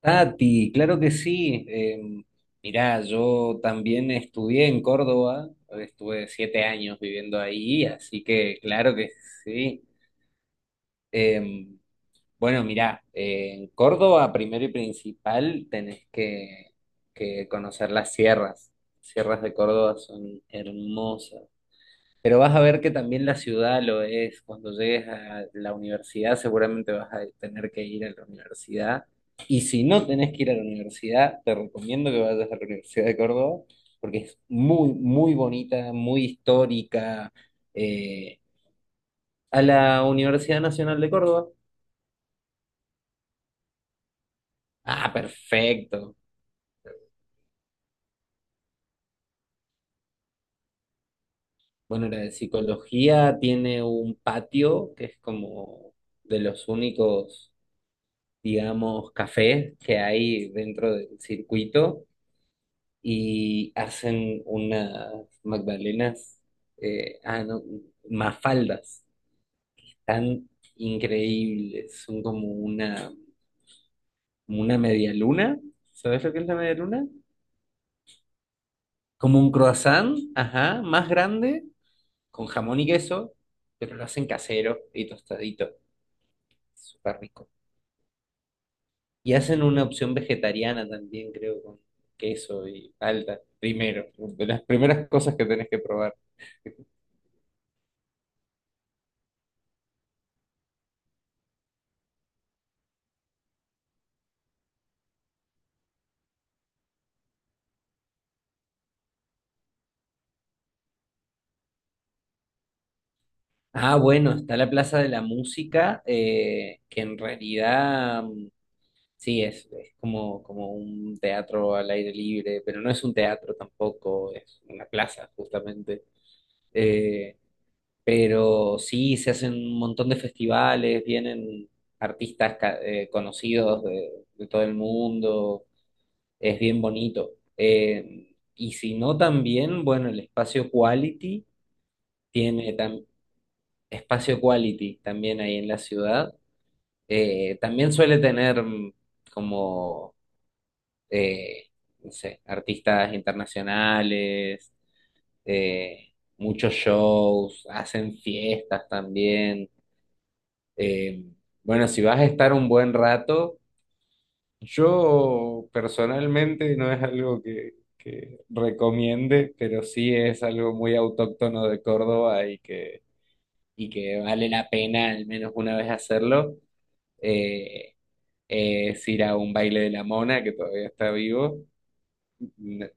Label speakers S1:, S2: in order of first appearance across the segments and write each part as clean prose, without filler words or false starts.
S1: Tati, claro que sí. Mirá, yo también estudié en Córdoba, estuve 7 años viviendo ahí, así que claro que sí. Eh, bueno, mirá, en Córdoba, primero y principal, tenés que conocer las sierras. Sierras de Córdoba son hermosas. Pero vas a ver que también la ciudad lo es. Cuando llegues a la universidad, seguramente vas a tener que ir a la universidad. Y si no tenés que ir a la universidad, te recomiendo que vayas a la Universidad de Córdoba, porque es muy, muy bonita, muy histórica. Eh, a la Universidad Nacional de Córdoba. Ah, perfecto. Bueno, la de psicología tiene un patio que es como de los únicos, digamos, cafés que hay dentro del circuito y hacen unas magdalenas, ah, no, mafaldas, tan increíbles, son como una media luna. ¿Sabes lo que es la media luna? Como un croissant, ajá, más grande, con jamón y queso, pero lo hacen casero y tostadito, súper rico. Y hacen una opción vegetariana también, creo, con queso y palta, primero, de las primeras cosas que tenés que probar. Ah, bueno, está la Plaza de la Música, que en realidad sí es como un teatro al aire libre, pero no es un teatro tampoco, es una plaza justamente. Eh, pero sí, se hacen un montón de festivales, vienen artistas conocidos de todo el mundo, es bien bonito. Eh, y si no, también, bueno, el espacio Quality tiene tam- espacio Quality también ahí en la ciudad. También suele tener como, eh, no sé, artistas internacionales, muchos shows, hacen fiestas también. Eh, bueno, si vas a estar un buen rato, yo personalmente no es algo que recomiende, pero sí es algo muy autóctono de Córdoba y que vale la pena al menos una vez hacerlo. Eh, es ir a un baile de la Mona, que todavía está vivo. No,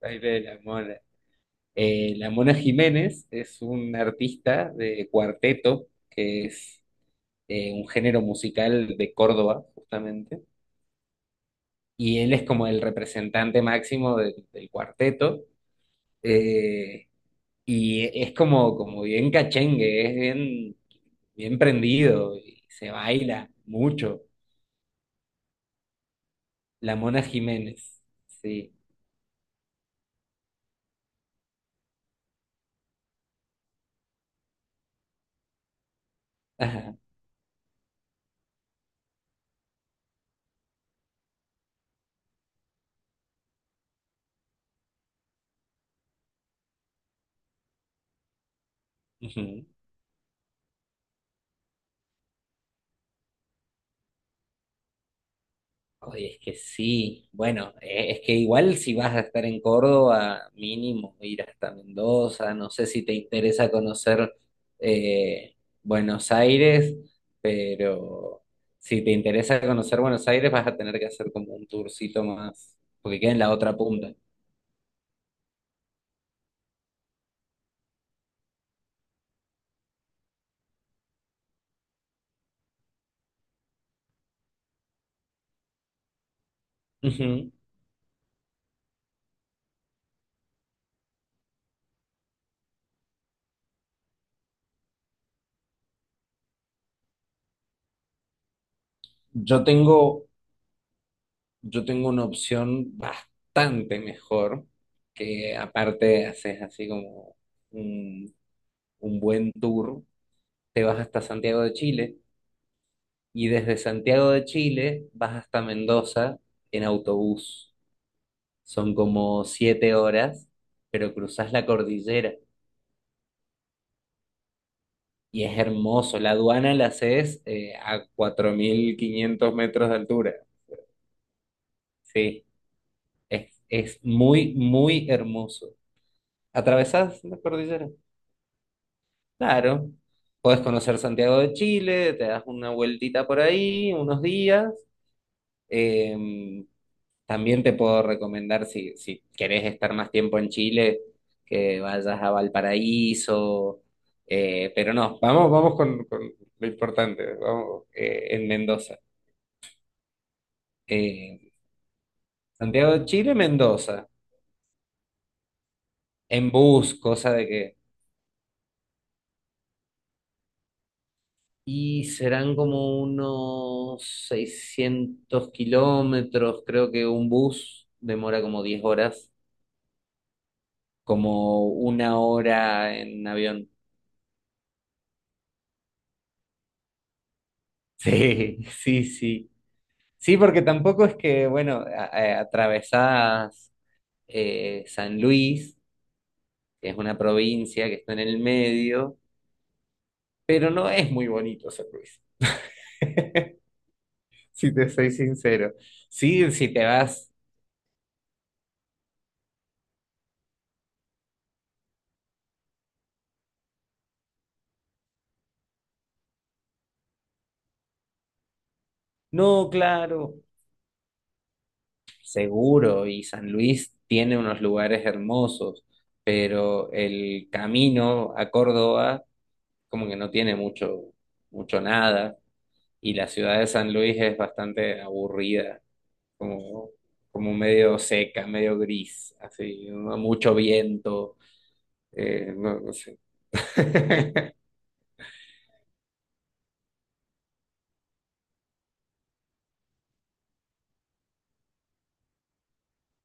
S1: Baile de la Mona. La Mona Jiménez es un artista de cuarteto, que es un género musical de Córdoba, justamente, y él es como el representante máximo del cuarteto. eh, y es como bien cachengue, es bien, bien prendido y se baila mucho. La Mona Jiménez, sí. Ajá. Ujú. Oye, es que sí, bueno, es que igual si vas a estar en Córdoba, mínimo ir hasta Mendoza, no sé si te interesa conocer eh, Buenos Aires, pero si te interesa conocer Buenos Aires vas a tener que hacer como un tourcito más, porque queda en la otra punta. Ujú. Yo tengo, yo tengo una opción bastante mejor, que aparte haces así como un, un buen tour. Te vas hasta Santiago de Chile y desde Santiago de Chile vas hasta Mendoza en autobús. Son como siete horas, pero cruzas la cordillera y es hermoso. La aduana la haces a 4500 metros de altura. Sí, es muy, muy hermoso. ¿Atravesás la cordillera? Claro. Puedes conocer Santiago de Chile, te das una vueltita por ahí, unos días. Eh, También te puedo recomendar, si querés estar más tiempo en Chile, que vayas a Valparaíso. Pero no, vamos, vamos con lo importante, vamos en Mendoza. Eh, Santiago de Chile, Mendoza, en bus, cosa de que... Y serán como unos 600 kilómetros, creo que un bus demora como 10 horas, como una hora en avión. Sí, sí, sí. Sí, porque tampoco es que, bueno, atravesás San Luis, que es una provincia que está en el medio, pero no es muy bonito San Luis, si te soy sincero. Sí, si te vas, no, claro, seguro, y San Luis tiene unos lugares hermosos, pero el camino a Córdoba como que no tiene mucho, mucho nada, y la ciudad de San Luis es bastante aburrida como, como medio seca, medio gris, así, ¿no? Mucho viento, no, no sé.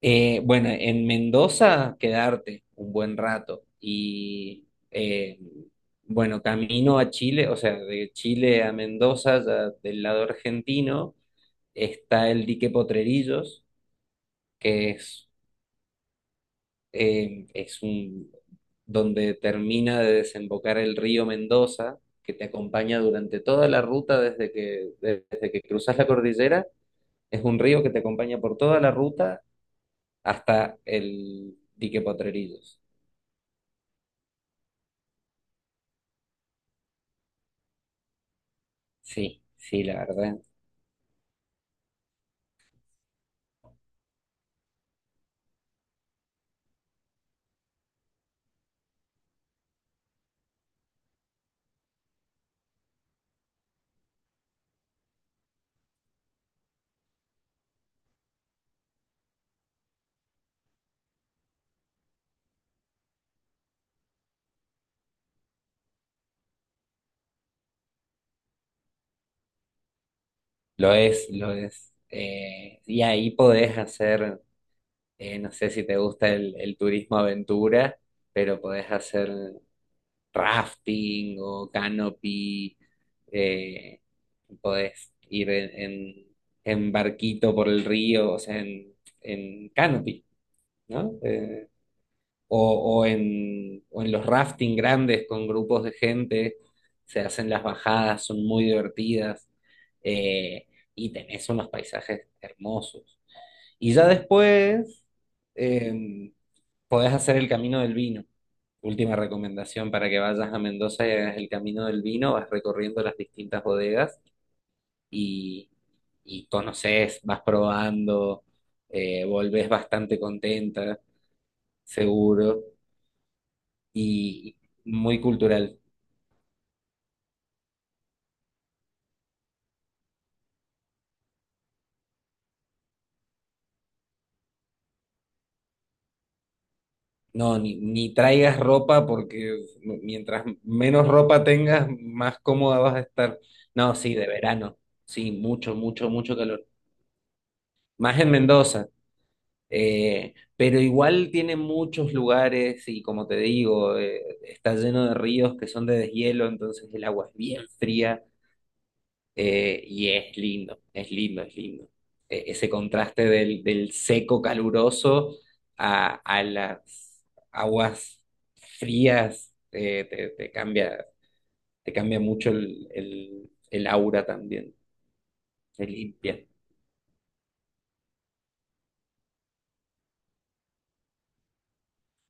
S1: Bueno, en Mendoza quedarte un buen rato y eh, bueno, camino a Chile, o sea, de Chile a Mendoza, ya del lado argentino, está el dique Potrerillos, que es eh, es un, donde termina de desembocar el río Mendoza, que te acompaña durante toda la ruta desde que cruzas la cordillera. Es un río que te acompaña por toda la ruta hasta el dique Potrerillos. Sí, sí, la verdad. Lo es, lo es. Y ahí podés hacer, no sé si te gusta el turismo aventura, pero podés hacer rafting o canopy, eh, podés ir en barquito por el río, o sea, en canopy, ¿no? O, o en los rafting grandes con grupos de gente, se hacen las bajadas, son muy divertidas, eh, y tenés unos paisajes hermosos. Y ya después... em, podés hacer el camino del vino. Última recomendación para que vayas a Mendoza y hagas el camino del vino, vas recorriendo las distintas bodegas y, y conoces, vas probando, volvés bastante contenta, seguro, y muy cultural. No, ni traigas ropa porque mientras menos ropa tengas, más cómoda vas a estar. No, sí, de verano, sí, mucho, mucho, mucho calor. Más en Mendoza. Pero igual tiene muchos lugares y como te digo, está lleno de ríos que son de deshielo, entonces el agua es bien fría y es lindo, es lindo, es lindo. Ese contraste del seco caluroso a las aguas frías, te cambia, te cambia mucho el aura también, te limpia.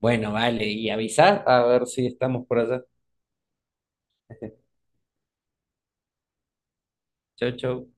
S1: Bueno, vale, y avisá a ver si estamos por allá. Chau, chau.